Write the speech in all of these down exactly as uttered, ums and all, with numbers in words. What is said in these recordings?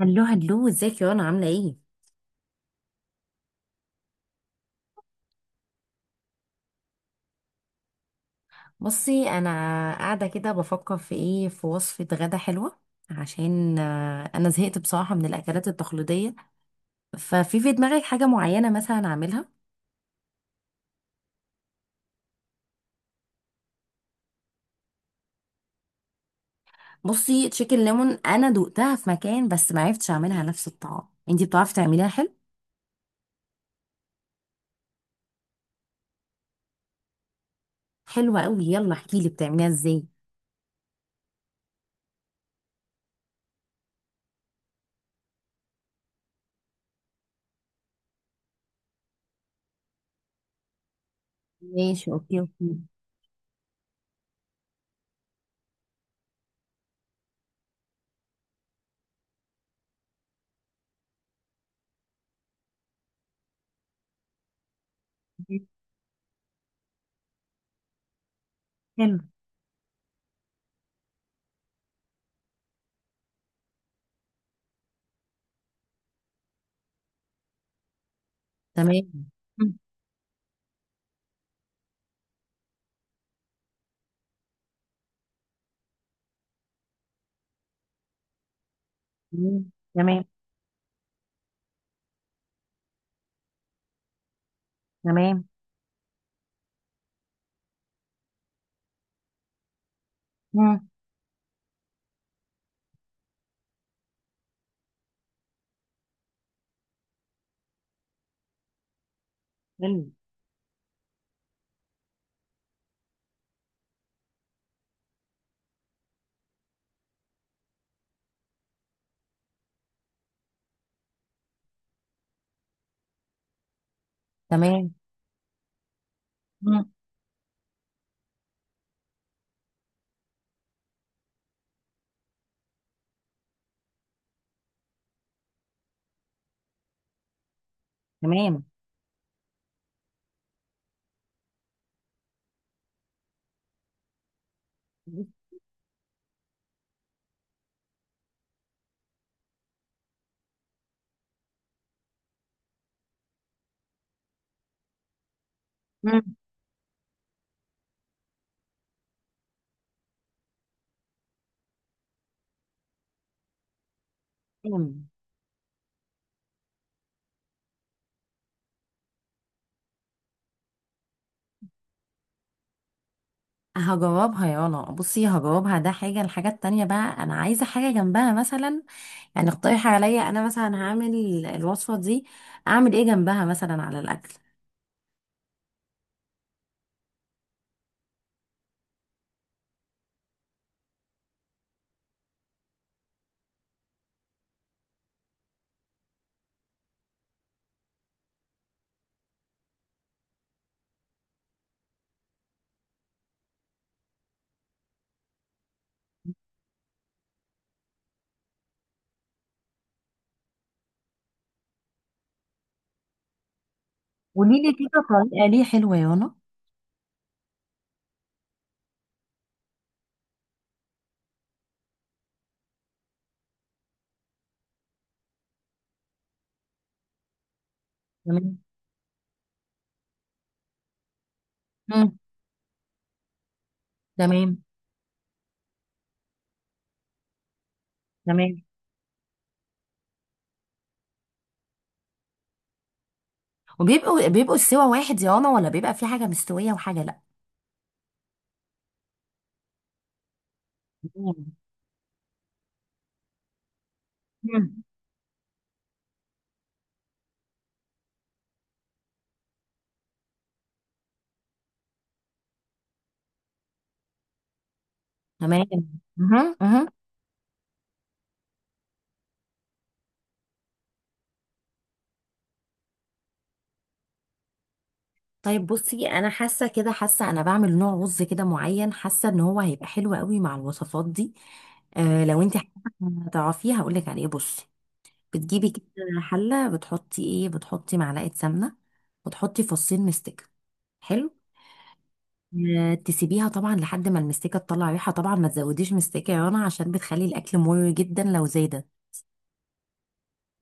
هلو هلو، ازيك يا رنا؟ عاملة ايه؟ بصي انا قاعدة كده بفكر في ايه في وصفة غدا حلوة عشان آه، انا زهقت بصراحة من الاكلات التقليدية. ففي في دماغك حاجة معينة مثلا اعملها؟ بصي تشيكن ليمون انا دقتها في مكان بس ما عرفتش اعملها نفس الطعام، انتي بتعرفي تعمليها حلو؟ حلوة قوي، يلا احكيلي بتعمليها ازاي. ماشي، اوكي اوكي. حلو. تمام. مم. مم. تمام. تمام. مم. حلو. تمام. مم. تمام. مم. أم، هجاوبها. يلا بصي هجاوبها. ده حاجة، الحاجة التانية بقى، أنا عايزة حاجة جنبها مثلا، يعني اقترحي عليا. أنا مثلا هعمل الوصفة دي، أعمل إيه جنبها مثلا على الأكل؟ قولي لي كده طريقة ليه حلوة يا رنا. تمام. مم. تمام. تمام. وبيبقوا، بيبقوا السوا واحد يا رنا، ولا بيبقى في حاجة مستوية وحاجة لأ؟ مم. مم. تمام. مهم. مهم. طيب بصي انا حاسه كده، حاسه انا بعمل نوع رز كده معين، حاسه ان هو هيبقى حلو قوي مع الوصفات دي. آه لو انت تعرفيه هقول لك عليه. بصي بتجيبي كده حله، بتحطي ايه، بتحطي معلقه سمنه وتحطي فصين مستكه. حلو. آه تسيبيها طبعا لحد ما المستكه تطلع ريحه. طبعا ما تزوديش مستكه يا رنا عشان بتخلي الاكل مر جدا لو زادت.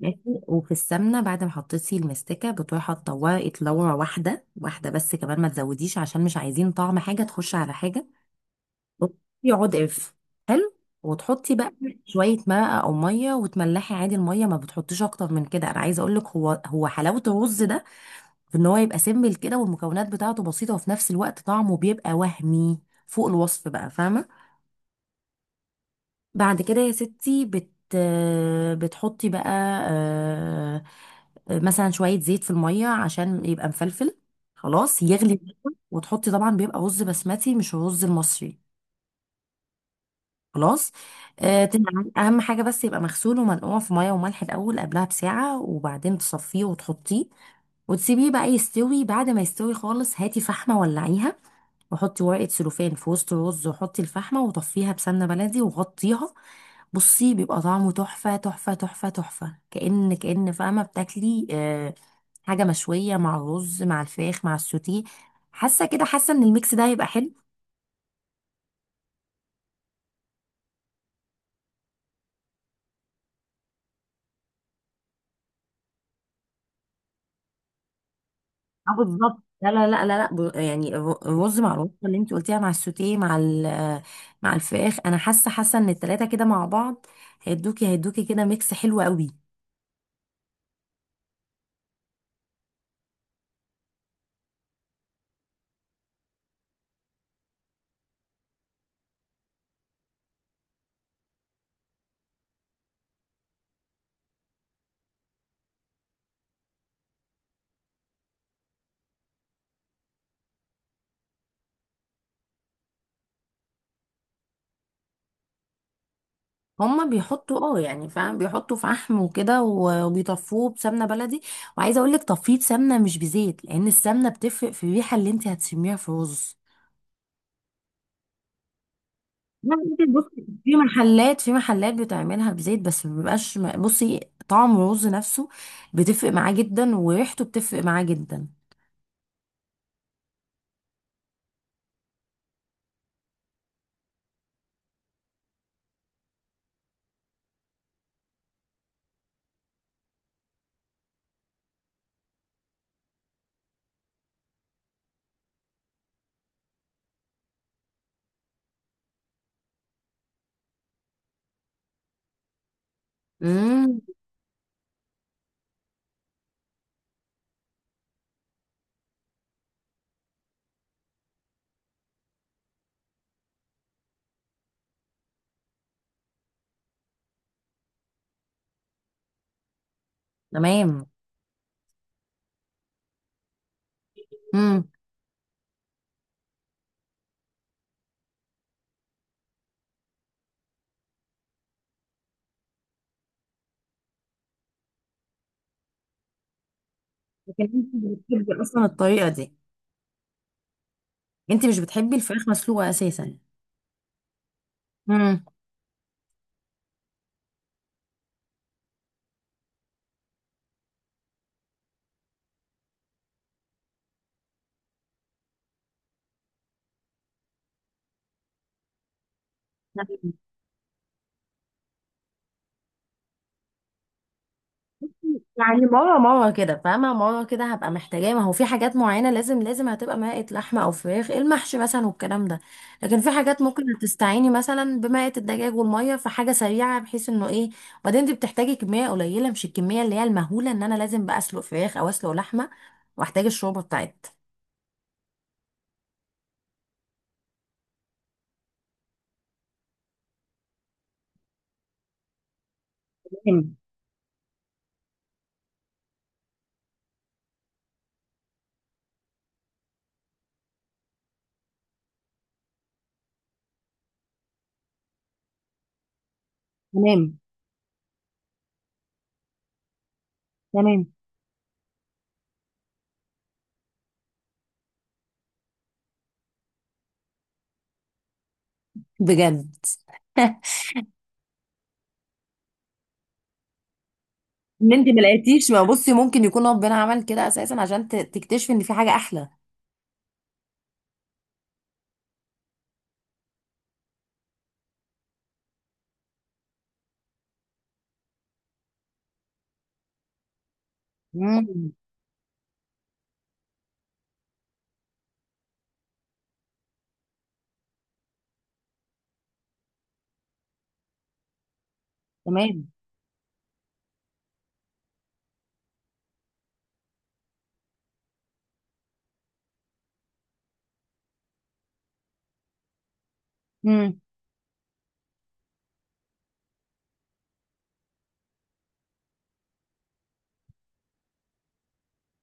ماشي. وفي السمنه بعد ما حطيتي المستكه بتروحي حاطه ورقه لورا واحده واحده بس، كمان ما تزوديش عشان مش عايزين طعم حاجه تخش على حاجه يقعد قرف. حلو. وتحطي بقى شويه مرقه او ميه وتملحي عادي. الميه ما بتحطيش اكتر من كده. انا عايزه اقول لك هو هو حلاوه الرز ده في ان هو يبقى سيمبل كده والمكونات بتاعته بسيطه وفي نفس الوقت طعمه بيبقى وهمي فوق الوصف بقى، فاهمه؟ بعد كده يا ستي بت بتحطي بقى آه، مثلا شوية زيت في المية عشان يبقى مفلفل. خلاص يغلي وتحطي طبعا، بيبقى رز بسمتي مش الرز المصري. خلاص. آه، تمام. أهم حاجة بس يبقى مغسول ومنقوع في مية وملح الأول قبلها بساعة، وبعدين تصفيه وتحطيه وتسيبيه بقى يستوي. بعد ما يستوي خالص هاتي فحمة ولعيها، وحطي ورقة سلوفان في وسط الرز وحطي الفحمة وطفيها بسمنة بلدي وغطيها. بصي بيبقى طعمه تحفة تحفة تحفة تحفة، كأن كأن فاهمة بتاكلي آه، حاجة مشوية مع الرز مع الفراخ مع السوتيه. حاسة كده، حاسة ان الميكس ده هيبقى حلو. اه بالظبط. لا لا لا لا لا، ب- يعني الر- الرز مع الرز اللي انت قلتيها مع السوتيه مع ال- آه، مع الفراخ، انا حاسة، حاسة ان التلاتة كده مع بعض هيدوكي هيدوكي كده ميكس حلو قوي. هما بيحطوا اه يعني فاهم، بيحطوا في عحم وكده و- وبيطفوه بسمنه بلدي، وعايزه اقول لك تفيض سمنه مش بزيت لان السمنه بتفرق في الريحه اللي انت هتشميها في الرز. لا، انت بصي، في محلات في محلات بتعملها بزيت بس ما بيبقاش، بصي، طعم الرز نفسه بتفرق معاه جدا وريحته بتفرق معاه جدا. امم. تمام. امم. لكن انت مش بتحبي اصلا الطريقه دي. انت مش بتحبي الفراخ مسلوقه اساسا. امم. يعني مرة مرة كده، فاهمة؟ مرة كده هبقى محتاجاه. ما هو في حاجات معينة لازم لازم هتبقى مائة لحمة أو فراخ، المحشي مثلا والكلام ده. لكن في حاجات ممكن تستعيني مثلا بمائة الدجاج والمية في حاجة سريعة بحيث إنه إيه. وبعدين أنت بتحتاجي كمية قليلة، مش الكمية اللي هي المهولة إن أنا لازم بقى أسلق فراخ أو أسلق لحمة وأحتاج الشوربة بتاعتها. تمام. تمام. تمام. بجد. إن أنت ما لقيتيش. ما بصي، ممكن يكون ربنا عمل كده أساسا عشان ت- تكتشفي إن في حاجة أحلى. مم. تمام.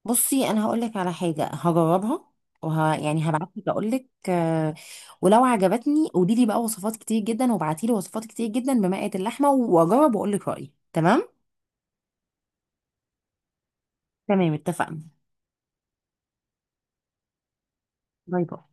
بصي انا هقول لك على حاجه هجربها وه... يعني هبعت لك اقول لك آه، ولو عجبتني قولي لي بقى وصفات كتير جدا، وابعتي لي وصفات كتير جدا بمقادير اللحمه واجرب واقول لك رايي. تمام. تمام اتفقنا. باي باي.